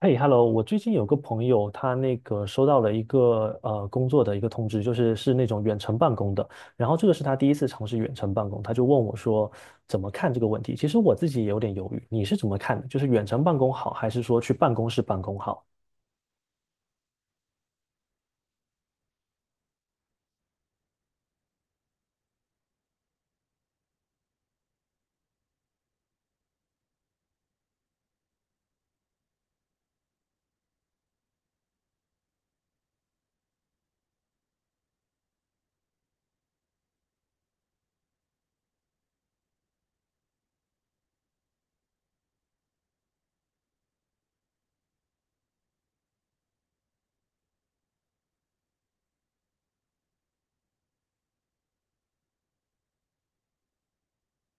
嘿，Hello，我最近有个朋友，他那个收到了一个工作的一个通知，就是那种远程办公的。然后这个是他第一次尝试远程办公，他就问我说怎么看这个问题。其实我自己也有点犹豫，你是怎么看的？就是远程办公好，还是说去办公室办公好？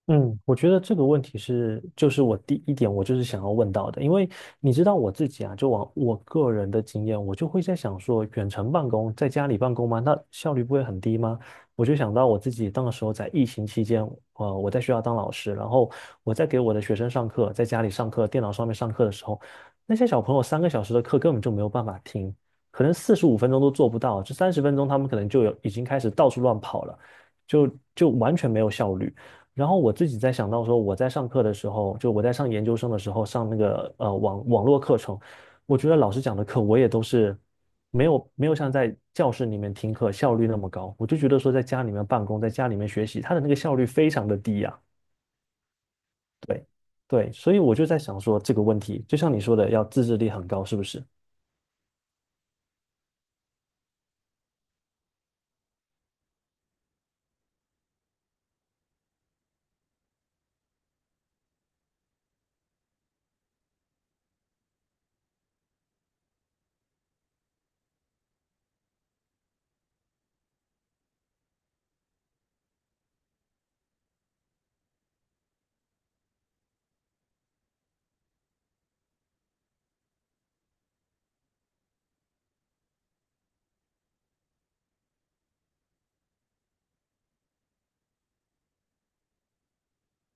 嗯，我觉得这个问题是，就是我第一点，我就是想要问到的，因为你知道我自己啊，就往我个人的经验，我就会在想说，远程办公，在家里办公吗？那效率不会很低吗？我就想到我自己当时候在疫情期间，我在学校当老师，然后我在给我的学生上课，在家里上课，电脑上面上课的时候，那些小朋友3个小时的课根本就没有办法听，可能45分钟都做不到，这30分钟他们可能就有已经开始到处乱跑了，就完全没有效率。然后我自己在想到说，我在上课的时候，就我在上研究生的时候上那个网络课程，我觉得老师讲的课我也都是没有像在教室里面听课效率那么高，我就觉得说在家里面办公，在家里面学习，他的那个效率非常的低呀，对对，所以我就在想说这个问题，就像你说的，要自制力很高，是不是？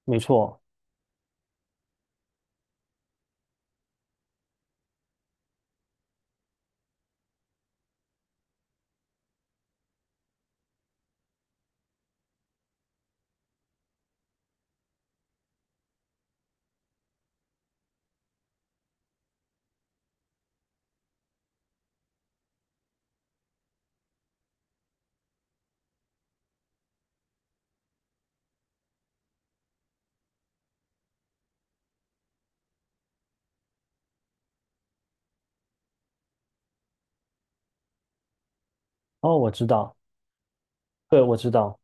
没错。哦，我知道，对，我知道。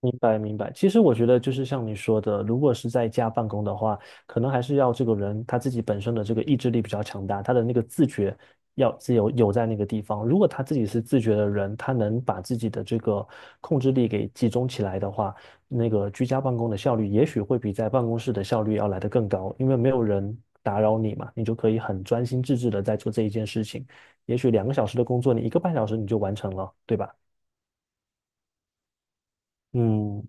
明白，明白。其实我觉得就是像你说的，如果是在家办公的话，可能还是要这个人他自己本身的这个意志力比较强大，他的那个自觉要自由有在那个地方。如果他自己是自觉的人，他能把自己的这个控制力给集中起来的话，那个居家办公的效率也许会比在办公室的效率要来得更高，因为没有人打扰你嘛，你就可以很专心致志的在做这一件事情。也许两个小时的工作，你1个半小时你就完成了，对吧？嗯，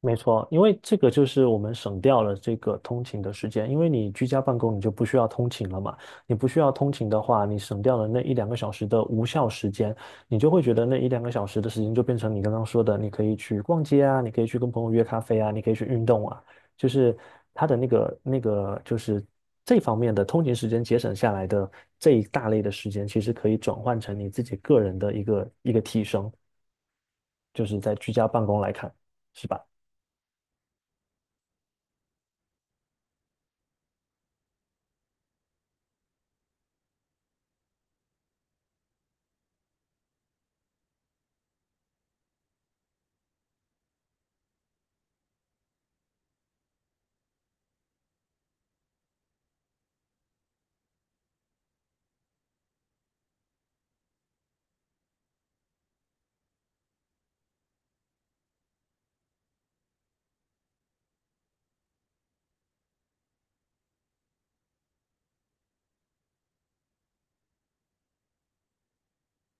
没错，因为这个就是我们省掉了这个通勤的时间，因为你居家办公，你就不需要通勤了嘛。你不需要通勤的话，你省掉了那一两个小时的无效时间，你就会觉得那一两个小时的时间就变成你刚刚说的，你可以去逛街啊，你可以去跟朋友约咖啡啊，你可以去运动啊，就是它的那个就是这方面的通勤时间节省下来的这一大类的时间，其实可以转换成你自己个人的一个一个提升，就是在居家办公来看，是吧？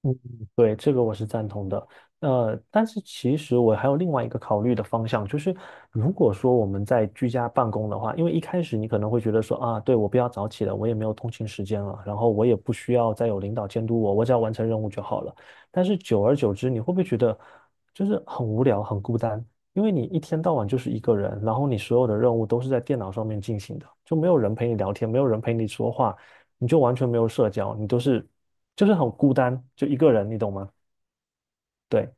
嗯，对，这个我是赞同的。但是其实我还有另外一个考虑的方向，就是如果说我们在居家办公的话，因为一开始你可能会觉得说啊，对，我不要早起了，我也没有通勤时间了，然后我也不需要再有领导监督我，我只要完成任务就好了。但是久而久之，你会不会觉得就是很无聊、很孤单？因为你一天到晚就是一个人，然后你所有的任务都是在电脑上面进行的，就没有人陪你聊天，没有人陪你说话，你就完全没有社交，你都是。就是很孤单，就一个人，你懂吗？对，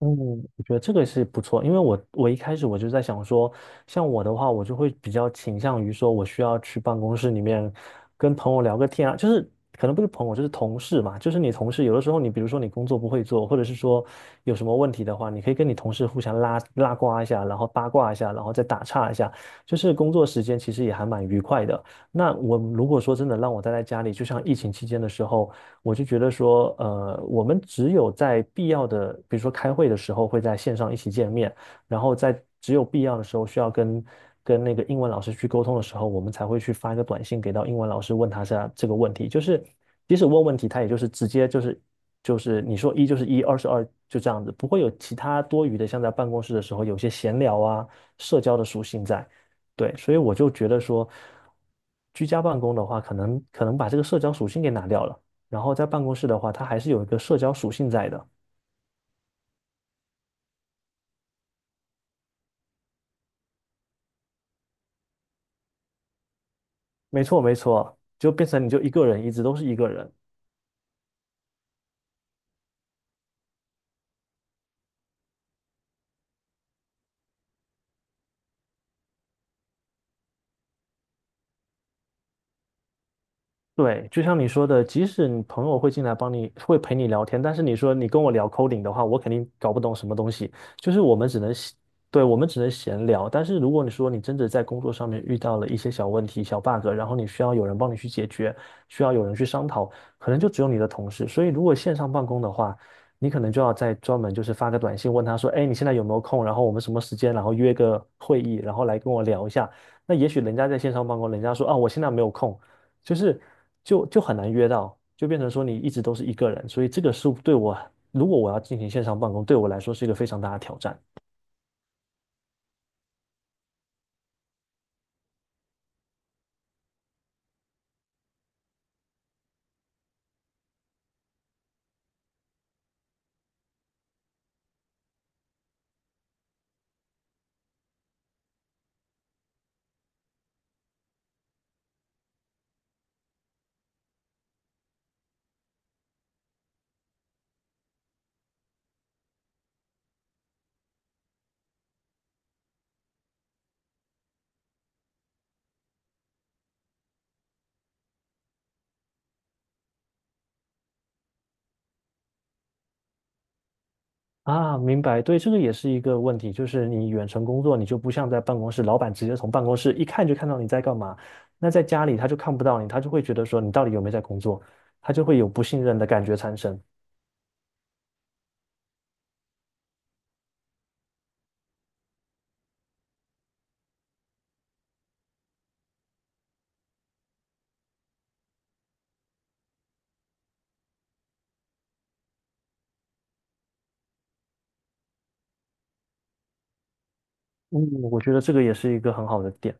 嗯，我觉得这个是不错，因为我一开始我就在想说，像我的话，我就会比较倾向于说，我需要去办公室里面跟朋友聊个天啊，就是可能不是朋友，就是同事嘛，就是你同事有的时候你比如说你工作不会做，或者是说有什么问题的话，你可以跟你同事互相拉拉呱一下，然后八卦一下，然后再打岔一下，就是工作时间其实也还蛮愉快的。那我如果说真的让我待在家里，就像疫情期间的时候。我就觉得说，我们只有在必要的，比如说开会的时候会在线上一起见面，然后在只有必要的时候需要跟那个英文老师去沟通的时候，我们才会去发一个短信给到英文老师，问他下这个问题。就是即使问问题，他也就是直接就是你说一就是一，二是二，就这样子，不会有其他多余的，像在办公室的时候有些闲聊啊、社交的属性在。对，所以我就觉得说，居家办公的话，可能把这个社交属性给拿掉了。然后在办公室的话，它还是有一个社交属性在的。没错，没错，就变成你就一个人，一直都是一个人。对，就像你说的，即使你朋友会进来帮你，会陪你聊天，但是你说你跟我聊 coding 的话，我肯定搞不懂什么东西。就是我们只能闲对，我们只能闲聊。但是如果你说你真的在工作上面遇到了一些小问题、小 bug，然后你需要有人帮你去解决，需要有人去商讨，可能就只有你的同事。所以如果线上办公的话，你可能就要再专门就是发个短信问他说，哎，你现在有没有空？然后我们什么时间？然后约个会议，然后来跟我聊一下。那也许人家在线上办公，人家说啊，我现在没有空。就是就很难约到，就变成说你一直都是一个人，所以这个是对我，如果我要进行线上办公，对我来说是一个非常大的挑战啊。明白，对，这个也是一个问题，就是你远程工作，你就不像在办公室，老板直接从办公室一看就看到你在干嘛，那在家里他就看不到你，他就会觉得说你到底有没有在工作，他就会有不信任的感觉产生。嗯，我觉得这个也是一个很好的点。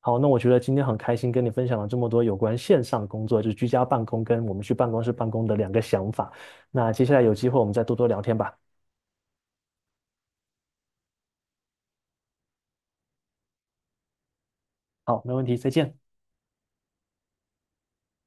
好，那我觉得今天很开心跟你分享了这么多有关线上工作，就是居家办公跟我们去办公室办公的两个想法。那接下来有机会我们再多多聊天吧。好，没问题，再见。